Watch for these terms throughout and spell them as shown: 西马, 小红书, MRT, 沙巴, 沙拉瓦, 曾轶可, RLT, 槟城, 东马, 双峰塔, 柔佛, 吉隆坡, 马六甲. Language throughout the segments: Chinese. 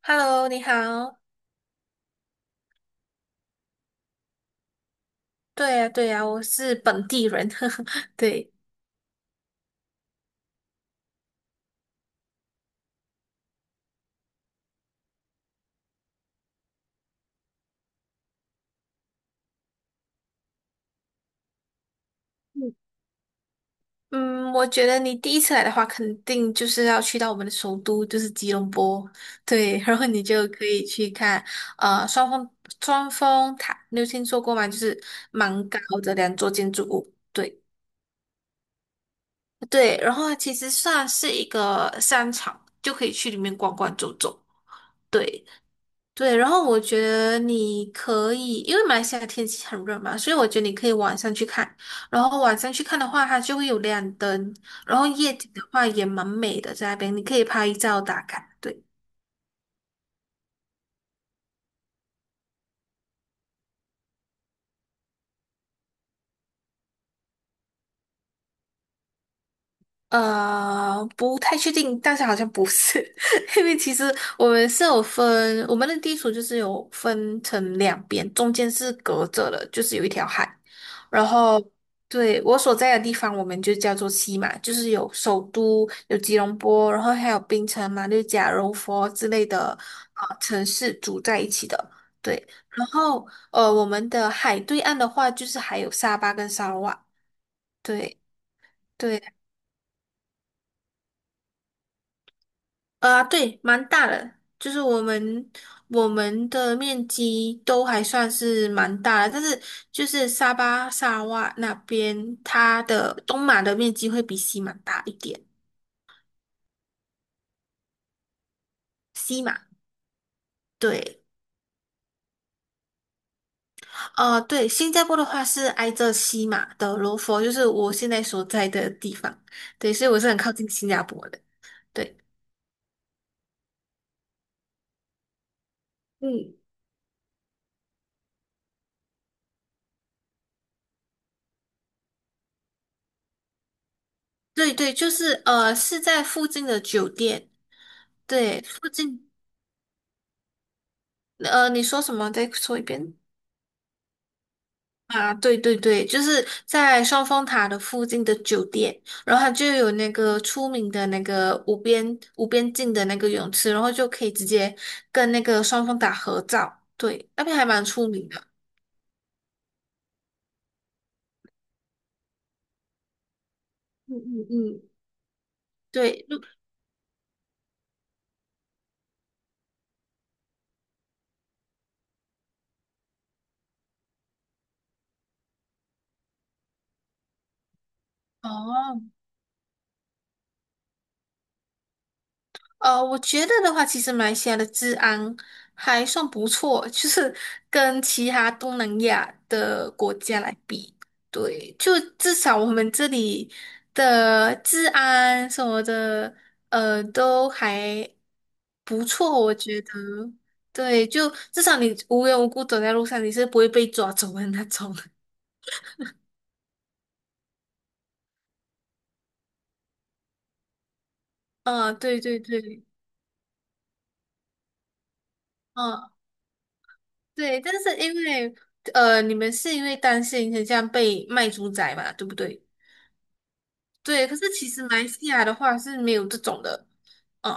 Hello，你好。对呀，对呀，我是本地人，呵呵，对。嗯，嗯我觉得你第一次来的话，肯定就是要去到我们的首都，就是吉隆坡。对，然后你就可以去看，呃，双峰双峰塔，你有听说过吗？就是蛮高的2座建筑物。对对，然后它其实算是一个商场，就可以去里面逛逛走走。对，对，然后我觉得你可以，因为马来西亚天气很热嘛，所以我觉得你可以晚上去看。然后晚上去看的话，它就会有亮灯，然后夜景的话也蛮美的，在那边你可以拍照打卡。对。不太确定，但是好像不是，因为其实我们是有分，我们的地处就是有分成两边，中间是隔着的，就是有一条海。然后，对，我所在的地方，我们就叫做西马，就是有首都，有吉隆坡，然后还有槟城、马六甲、柔佛之类的城市组在一起的。对，然后我们的海对岸的话，就是还有沙巴跟沙拉瓦。对。对，蛮大的，就是我们的面积都还算是蛮大的，但是就是沙巴、沙拉哇那边，它的东马的面积会比西马大一点。西马，对，对，新加坡的话是挨着西马的罗佛，就是我现在所在的地方，对，所以我是很靠近新加坡的。对，嗯，对对，就是是在附近的酒店，对，附近，你说什么？再说一遍。啊，对对对，就是在双峰塔的附近的酒店，然后它就有那个出名的那个无边境的那个泳池，然后就可以直接跟那个双峰塔合照。对，那边还蛮出名的。嗯嗯嗯，对，哦，我觉得的话，其实马来西亚的治安还算不错，就是跟其他东南亚的国家来比，对，就至少我们这里的治安什么的，都还不错，我觉得。对，就至少你无缘无故走在路上，你是不会被抓走的那种。嗯，对对对，嗯，对，但是因为你们是因为担心很像被卖猪仔嘛，对不对？对，可是其实马来西亚的话是没有这种的，嗯，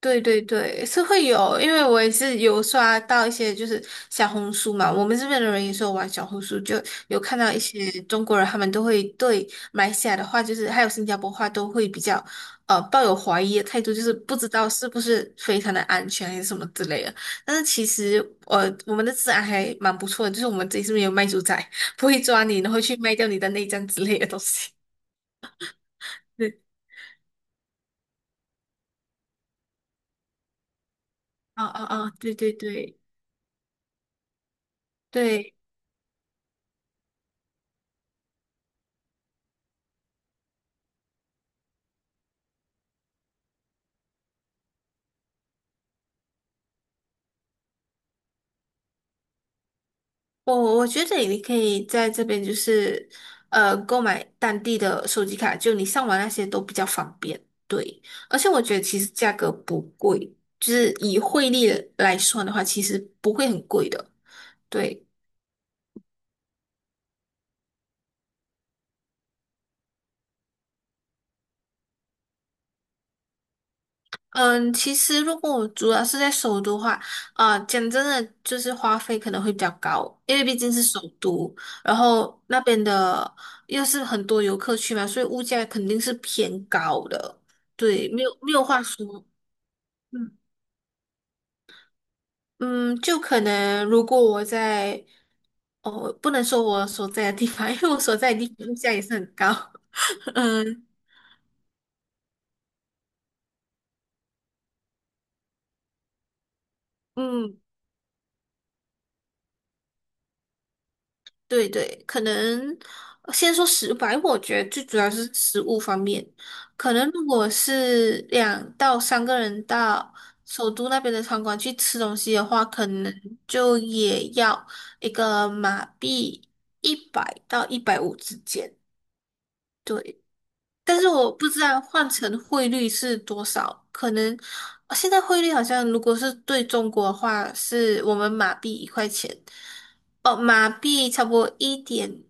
对对对，是会有，因为我也是有刷到一些就是小红书嘛，我们这边的人也是有玩小红书，就有看到一些中国人，他们都会对马来西亚的话，就是还有新加坡话都会比较抱有怀疑的态度，就是不知道是不是非常的安全还是什么之类的。但是其实我们的治安还蛮不错的，就是我们这里是不是有卖猪仔，不会抓你，然后去卖掉你的内脏之类的东西。啊啊啊！对对对对，我觉得你可以在这边就是购买当地的手机卡，就你上网那些都比较方便。对，而且我觉得其实价格不贵，就是以汇率来算的话，其实不会很贵的。对。嗯，其实如果我主要是在首都的话，啊、讲真的，就是花费可能会比较高，因为毕竟是首都，然后那边的又是很多游客去嘛，所以物价肯定是偏高的，对，没有没有话说。嗯嗯，就可能如果我在，哦，不能说我所在的地方，因为我所在的地方物价也是很高。嗯嗯。对对，可能先说食白，我觉得最主要是食物方面。可能如果是2到3个人到首都那边的餐馆去吃东西的话，可能就也要一个马币100到150之间。对，但是我不知道换成汇率是多少，可能现在汇率好像如果是对中国的话，是我们马币1块钱，哦，马币差不多一点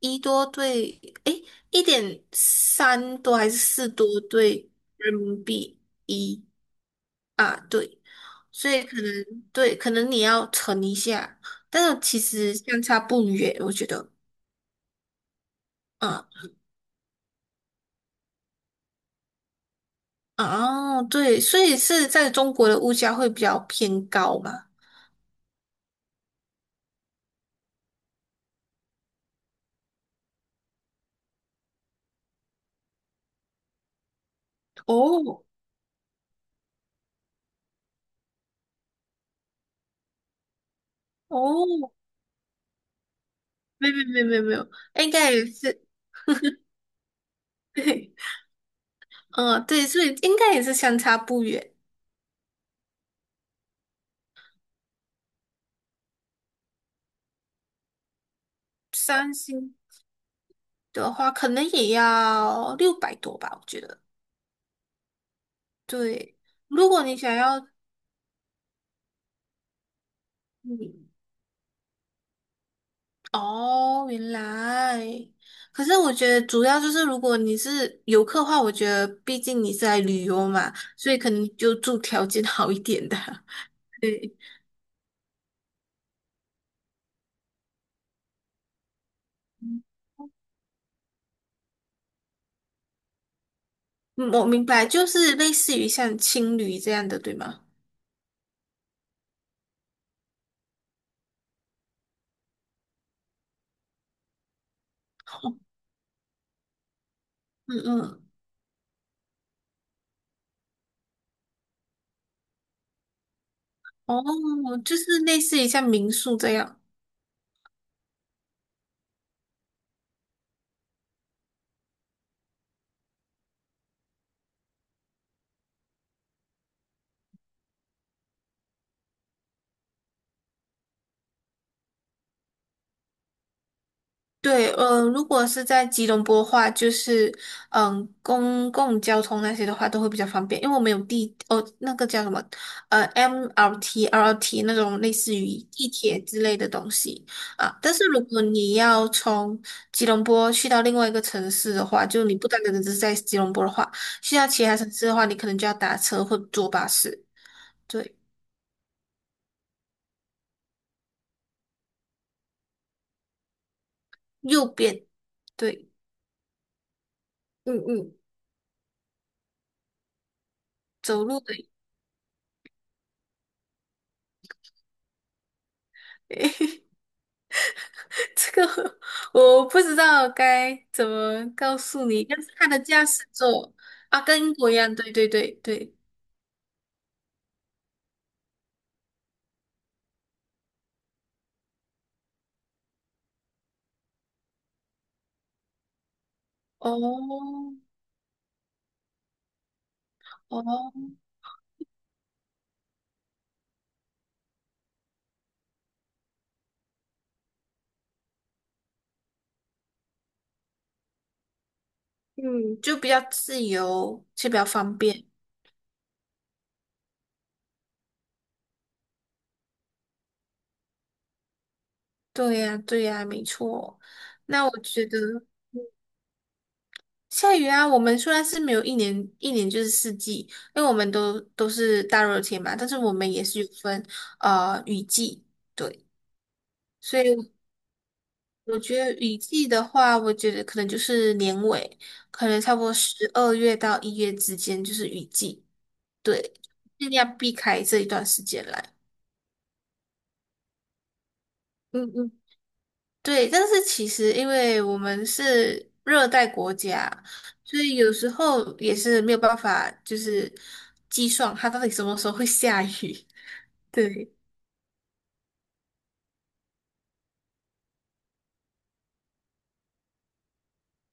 一多对，诶，1.3多还是四多对人民币一啊，对，所以可能对，可能你要乘一下，但是其实相差不远，我觉得，啊。哦，对，所以是在中国的物价会比较偏高嘛？哦哦，没有没有没有没有，应该也是，嗯，对，所以应该也是相差不远。3星的话，可能也要600多吧，我觉得。对，如果你想要，嗯，哦，原来，可是我觉得主要就是如果你是游客的话，我觉得毕竟你是来旅游嘛，所以可能就住条件好一点的，对。嗯，我明白，就是类似于像青旅这样的，对吗？哦嗯嗯，哦，就是类似于像民宿这样。对，如果是在吉隆坡的话，就是公共交通那些的话都会比较方便，因为我们有地哦，那个叫什么MRT、RLT 那种类似于地铁之类的东西啊。但是如果你要从吉隆坡去到另外一个城市的话，就你不单单只是在吉隆坡的话，去到其他城市的话，你可能就要打车或坐巴士。对，右边，对，嗯嗯，走路的。这个我不知道该怎么告诉你，但是它的驾驶座啊，跟英国一样，对对对对，哦哦，嗯，就比较自由，就比较方便。对呀，对呀，没错。那我觉得下雨啊，我们虽然是没有一年一年就是四季，因为我们都是大热天嘛，但是我们也是有分雨季，对，所以。我觉得雨季的话，我觉得可能就是年尾，可能差不多12月到1月之间就是雨季，对，尽量避开这一段时间来。嗯嗯，对，但是其实因为我们是热带国家，所以有时候也是没有办法，就是计算它到底什么时候会下雨。对，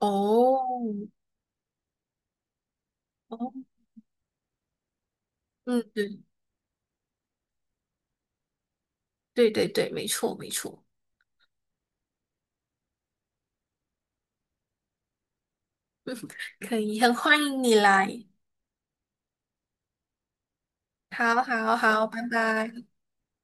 哦，哦，嗯，对，对对对，没错没错，可以，很欢迎你来。好好好，拜拜。